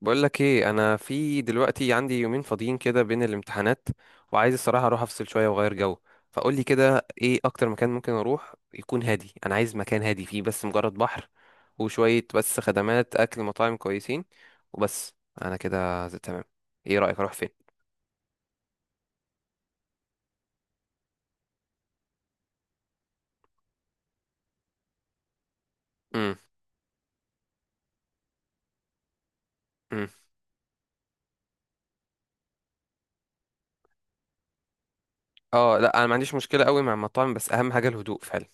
بقول لك ايه، انا في دلوقتي عندي يومين فاضيين كده بين الامتحانات، وعايز الصراحه اروح افصل شويه واغير جو. فقول لي كده، ايه اكتر مكان ممكن اروح يكون هادي؟ انا عايز مكان هادي فيه بس مجرد بحر، وشويه بس خدمات، اكل، مطاعم كويسين. وبس. انا كده زي تمام. ايه رايك اروح فين؟ امم. امم. اه، لا انا ما عنديش مشكله قوي مع المطاعم، بس اهم حاجه الهدوء فعلا.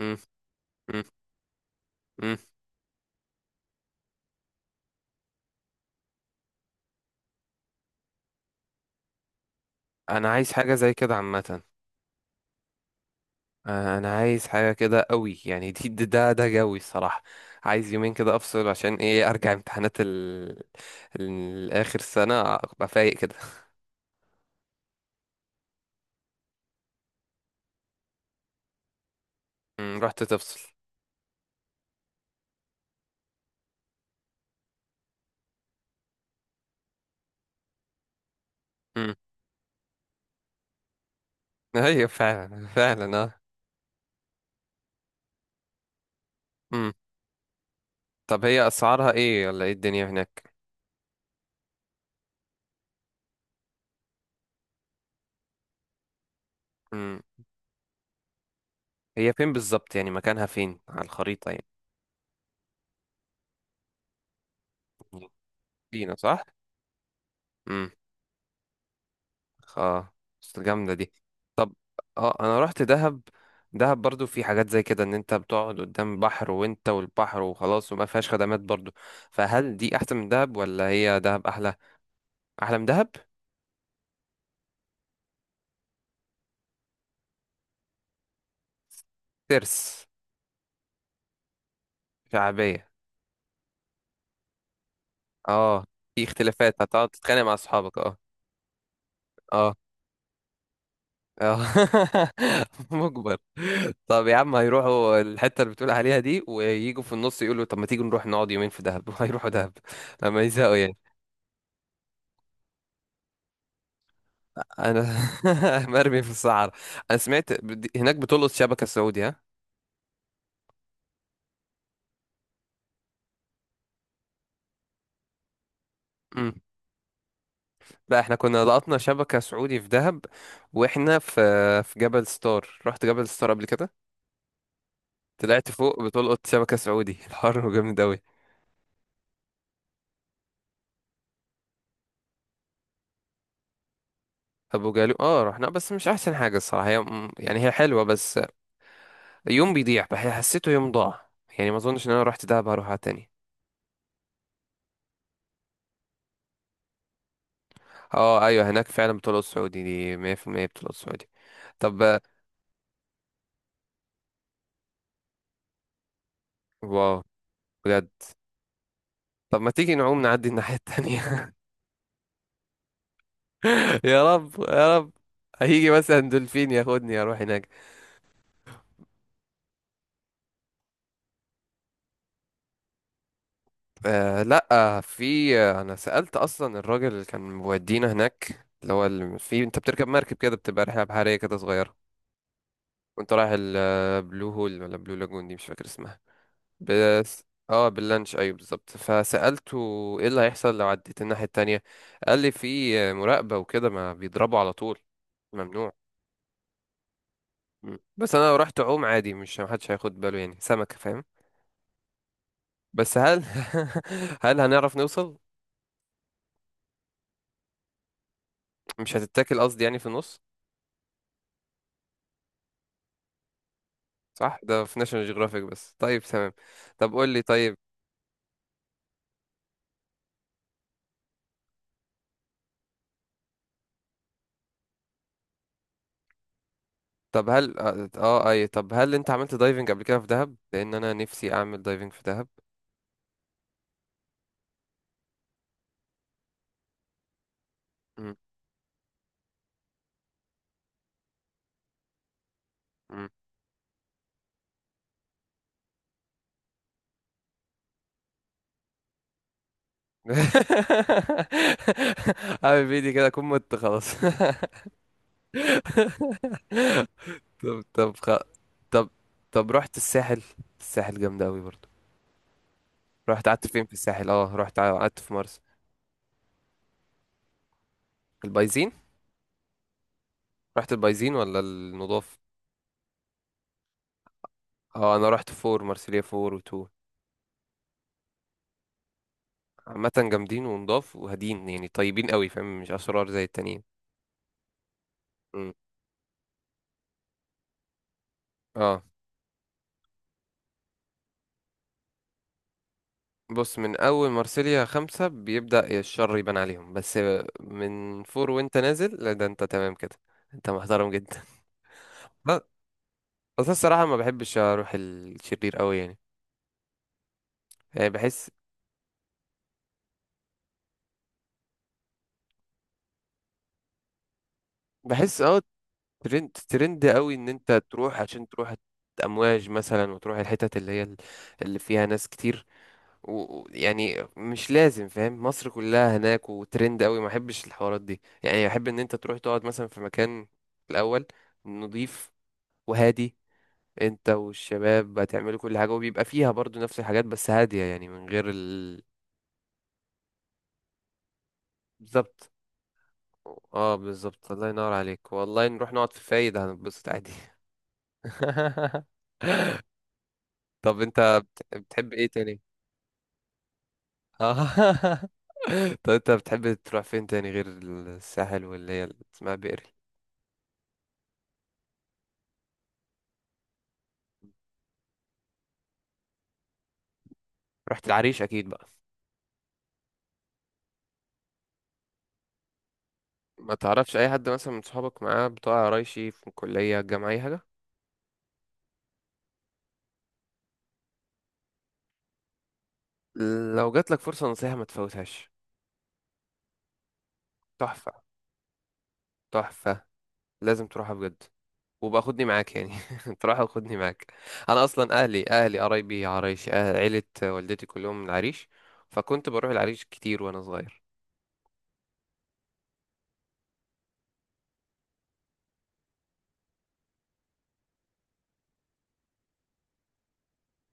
امم. امم. امم. انا عايز حاجه زي كده عامه. انا عايز حاجه كده قوي، يعني ده جوي الصراحه. عايز يومين كده افصل، عشان ايه ارجع امتحانات الاخر سنه ابقى فايق كده. رحت تفصل؟ مم. ايوه، فعلا فعلا، اه. مم. طب هي اسعارها ايه، ولا ايه الدنيا هناك؟ مم. هي فين بالظبط يعني، مكانها فين على الخريطه يعني؟ فينا، صح. اه. بس جامدة دي. طب. اه، انا رحت دهب. دهب برضو في حاجات زي كده، ان انت بتقعد قدام بحر وانت والبحر وخلاص، وما فيهاش خدمات برضو. فهل دي احسن من دهب ولا هي دهب احلى؟ احلى من دهب. ترس. شعبية. اه. في اختلافات هتقعد تتخانق مع اصحابك، اه. اه. اه. مجبر. طب يا عم، هيروحوا الحتة اللي بتقول عليها دي، ويجوا في النص يقولوا طب ما تيجوا نروح نقعد يومين في دهب، وهيروحوا دهب. لما يزهقوا يعني. انا مرمي في الصحراء. انا سمعت هناك بتلقط شبكه سعودي، ها؟ امم. لا، احنا كنا لقطنا شبكه سعودي في دهب. واحنا في جبل ستار. رحت جبل ستار قبل كده. طلعت فوق بتلقط شبكه سعودي. الحر جامد قوي. ابو جالو، اه رحنا، بس مش احسن حاجه الصراحه. هي يعني هي حلوه، بس يوم بيضيع. حسيته يوم ضاع. يعني ما اظنش ان انا رحت دهب هروحها تاني. اه ايوه، هناك فعلا بتلقط سعودي. دي 100% بتلقط سعودي. طب. واو. بجد. طب ما تيجي نعوم نعدي الناحيه التانيه. يا رب يا رب. هيجي مثلا دولفين ياخدني اروح هناك. آه لا، في، انا سألت اصلا الراجل اللي كان مودينا هناك، اللي هو اللي في، انت بتركب مركب كده، بتبقى رحله بحريه كده صغيره. وانت رايح البلو هول ولا بلو لاجون، دي مش فاكر اسمها. بس. اه باللانش، ايوه بالظبط. فسألته ايه اللي هيحصل لو عديت الناحيه التانية؟ قال لي في مراقبه وكده، ما بيضربوا على طول. ممنوع. مم. بس انا لو رحت اعوم عادي، مش محدش هياخد باله يعني، سمكه، فاهم. بس هل، هل هنعرف نوصل؟ مش هتتاكل قصدي يعني في النص؟ صح، ده في ناشونال جيوغرافيك بس، طيب تمام. طب قول لي، طيب. طب هل اه اي، طب هل انت عملت دايفنج قبل كده في دهب؟ لان انا نفسي اعمل دايفنج في دهب. مم. مم. اعمل فيديو كده اكون مت خلاص. طب طب طب رحت الساحل. الساحل جامد قوي برضو. رحت قعدت فين في الساحل؟ اه رحت قعدت في مرسى البايزين. رحت البايزين ولا النضاف؟ اه انا رحت فور مارسيليا، فور، وتو. عامة جامدين ونضاف وهادين، يعني طيبين قوي، فاهم، مش اشرار زي التانيين. مم. اه بص، من اول مارسيليا خمسة بيبدأ الشر يبان عليهم، بس من فور وانت نازل، لا ده انت تمام كده، انت محترم جدا. لا. بس الصراحة ما بحبش اروح الشرير قوي يعني. يعني بحس. بحس، اه. ترند ترند قوي، ان انت تروح عشان تروح امواج مثلا، وتروح الحتت اللي هي اللي فيها ناس كتير يعني مش لازم، فاهم، مصر كلها هناك وترند قوي. ما احبش الحوارات دي يعني. احب ان انت تروح تقعد مثلا في مكان الاول، نضيف، وهادي. انت والشباب هتعملوا كل حاجة، وبيبقى فيها برضو نفس الحاجات، بس هادية يعني، من غير ال... بالظبط. اه بالظبط، الله ينور عليك والله، نروح نقعد في فايدة هنتبسط عادي. طب انت بتحب ايه تاني؟ اه. طب انت بتحب تروح فين تاني غير الساحل، واللي هي اللي اسمها بئر؟ رحت العريش اكيد بقى. ما تعرفش اي حد مثلا من صحابك معاه بتوع قرايشي في الكلية، الجامعة، اي حاجة؟ لو جات لك فرصة نصيحة ما تفوتهاش. تحفة. تحفة. لازم تروحها بجد. وبقى خدني معاك يعني. تروح وخدني معاك. انا اصلا اهلي قرايبي عرايش، أهل عيلة والدتي كلهم من العريش. فكنت بروح العريش كتير وانا صغير.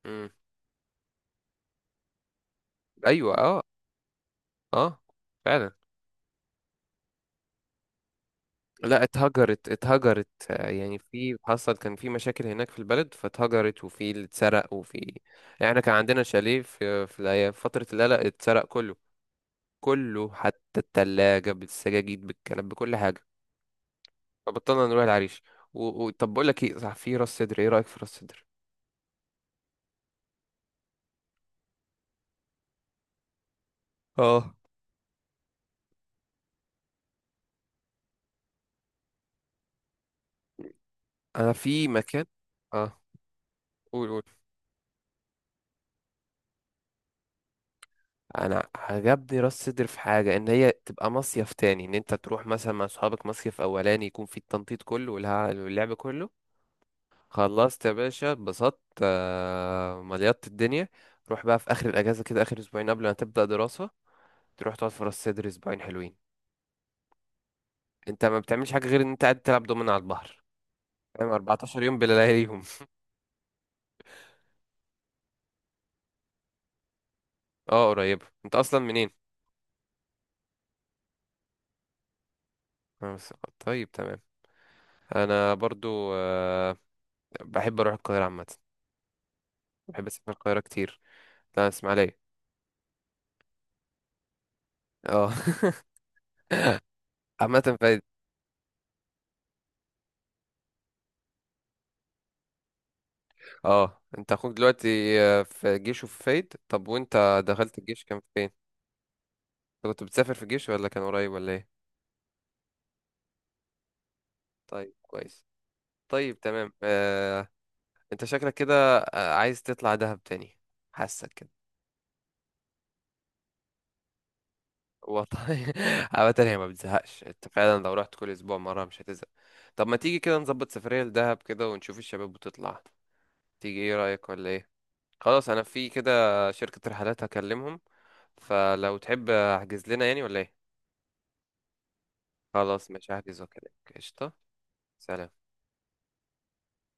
امم. ايوه، اه. اه. فعلا. لا، اتهجرت اتهجرت، يعني في، حصل كان في مشاكل هناك في البلد، فاتهجرت، وفي اللي اتسرق، وفي، يعني احنا كان عندنا شاليه في في فترة القلق اتسرق كله. كله، حتى التلاجة بالسجاجيد بالكنب بكل حاجة. فبطلنا نروح العريش. طب بقول لك ايه، صح، في راس سدر، ايه رأيك في راس سدر؟ اه انا في مكان. اه. قول قول. انا عجبني راس سدر في حاجه، ان هي تبقى مصيف تاني، ان انت تروح مثلا مع اصحابك مصيف اولاني يكون في التنطيط كله واللعب كله. خلصت يا باشا، اتبسطت، مليطت الدنيا. روح بقى في اخر الاجازه كده، اخر اسبوعين قبل ما تبدا دراسه، تروح تقعد في راس سدر اسبوعين حلوين. انت ما بتعملش حاجه غير ان انت قاعد تلعب دومينو على البحر. فاهم، 14 يوم بلا لياليهم. اه قريبه. انت اصلا منين؟ أنا بس- طيب تمام. انا برضو بحب اروح القاهره عامه. بحب اسافر القاهره كتير. لا، اسماعيليه. اه. عامه فايد. اه، انت اخوك دلوقتي في جيش وفي فايد، طب وانت دخلت الجيش كان فين؟ انت كنت بتسافر في الجيش، ولا كان قريب، ولا ايه؟ طيب كويس. طيب تمام. انت شكلك كده عايز تطلع دهب تاني. حاسك كده. والله. عامة هي ما بتزهقش، انت فعلا لو رحت كل اسبوع مرة مش هتزهق. طب ما تيجي كده نظبط سفرية لدهب كده، ونشوف الشباب بتطلع؟ تيجي، ايه رأيك ولا ايه؟ خلاص، انا في كده. شركة رحلات هكلمهم، فلو تحب احجز لنا يعني، ولا ايه؟ خلاص، مش هحجز وكده. قشطة. سلام.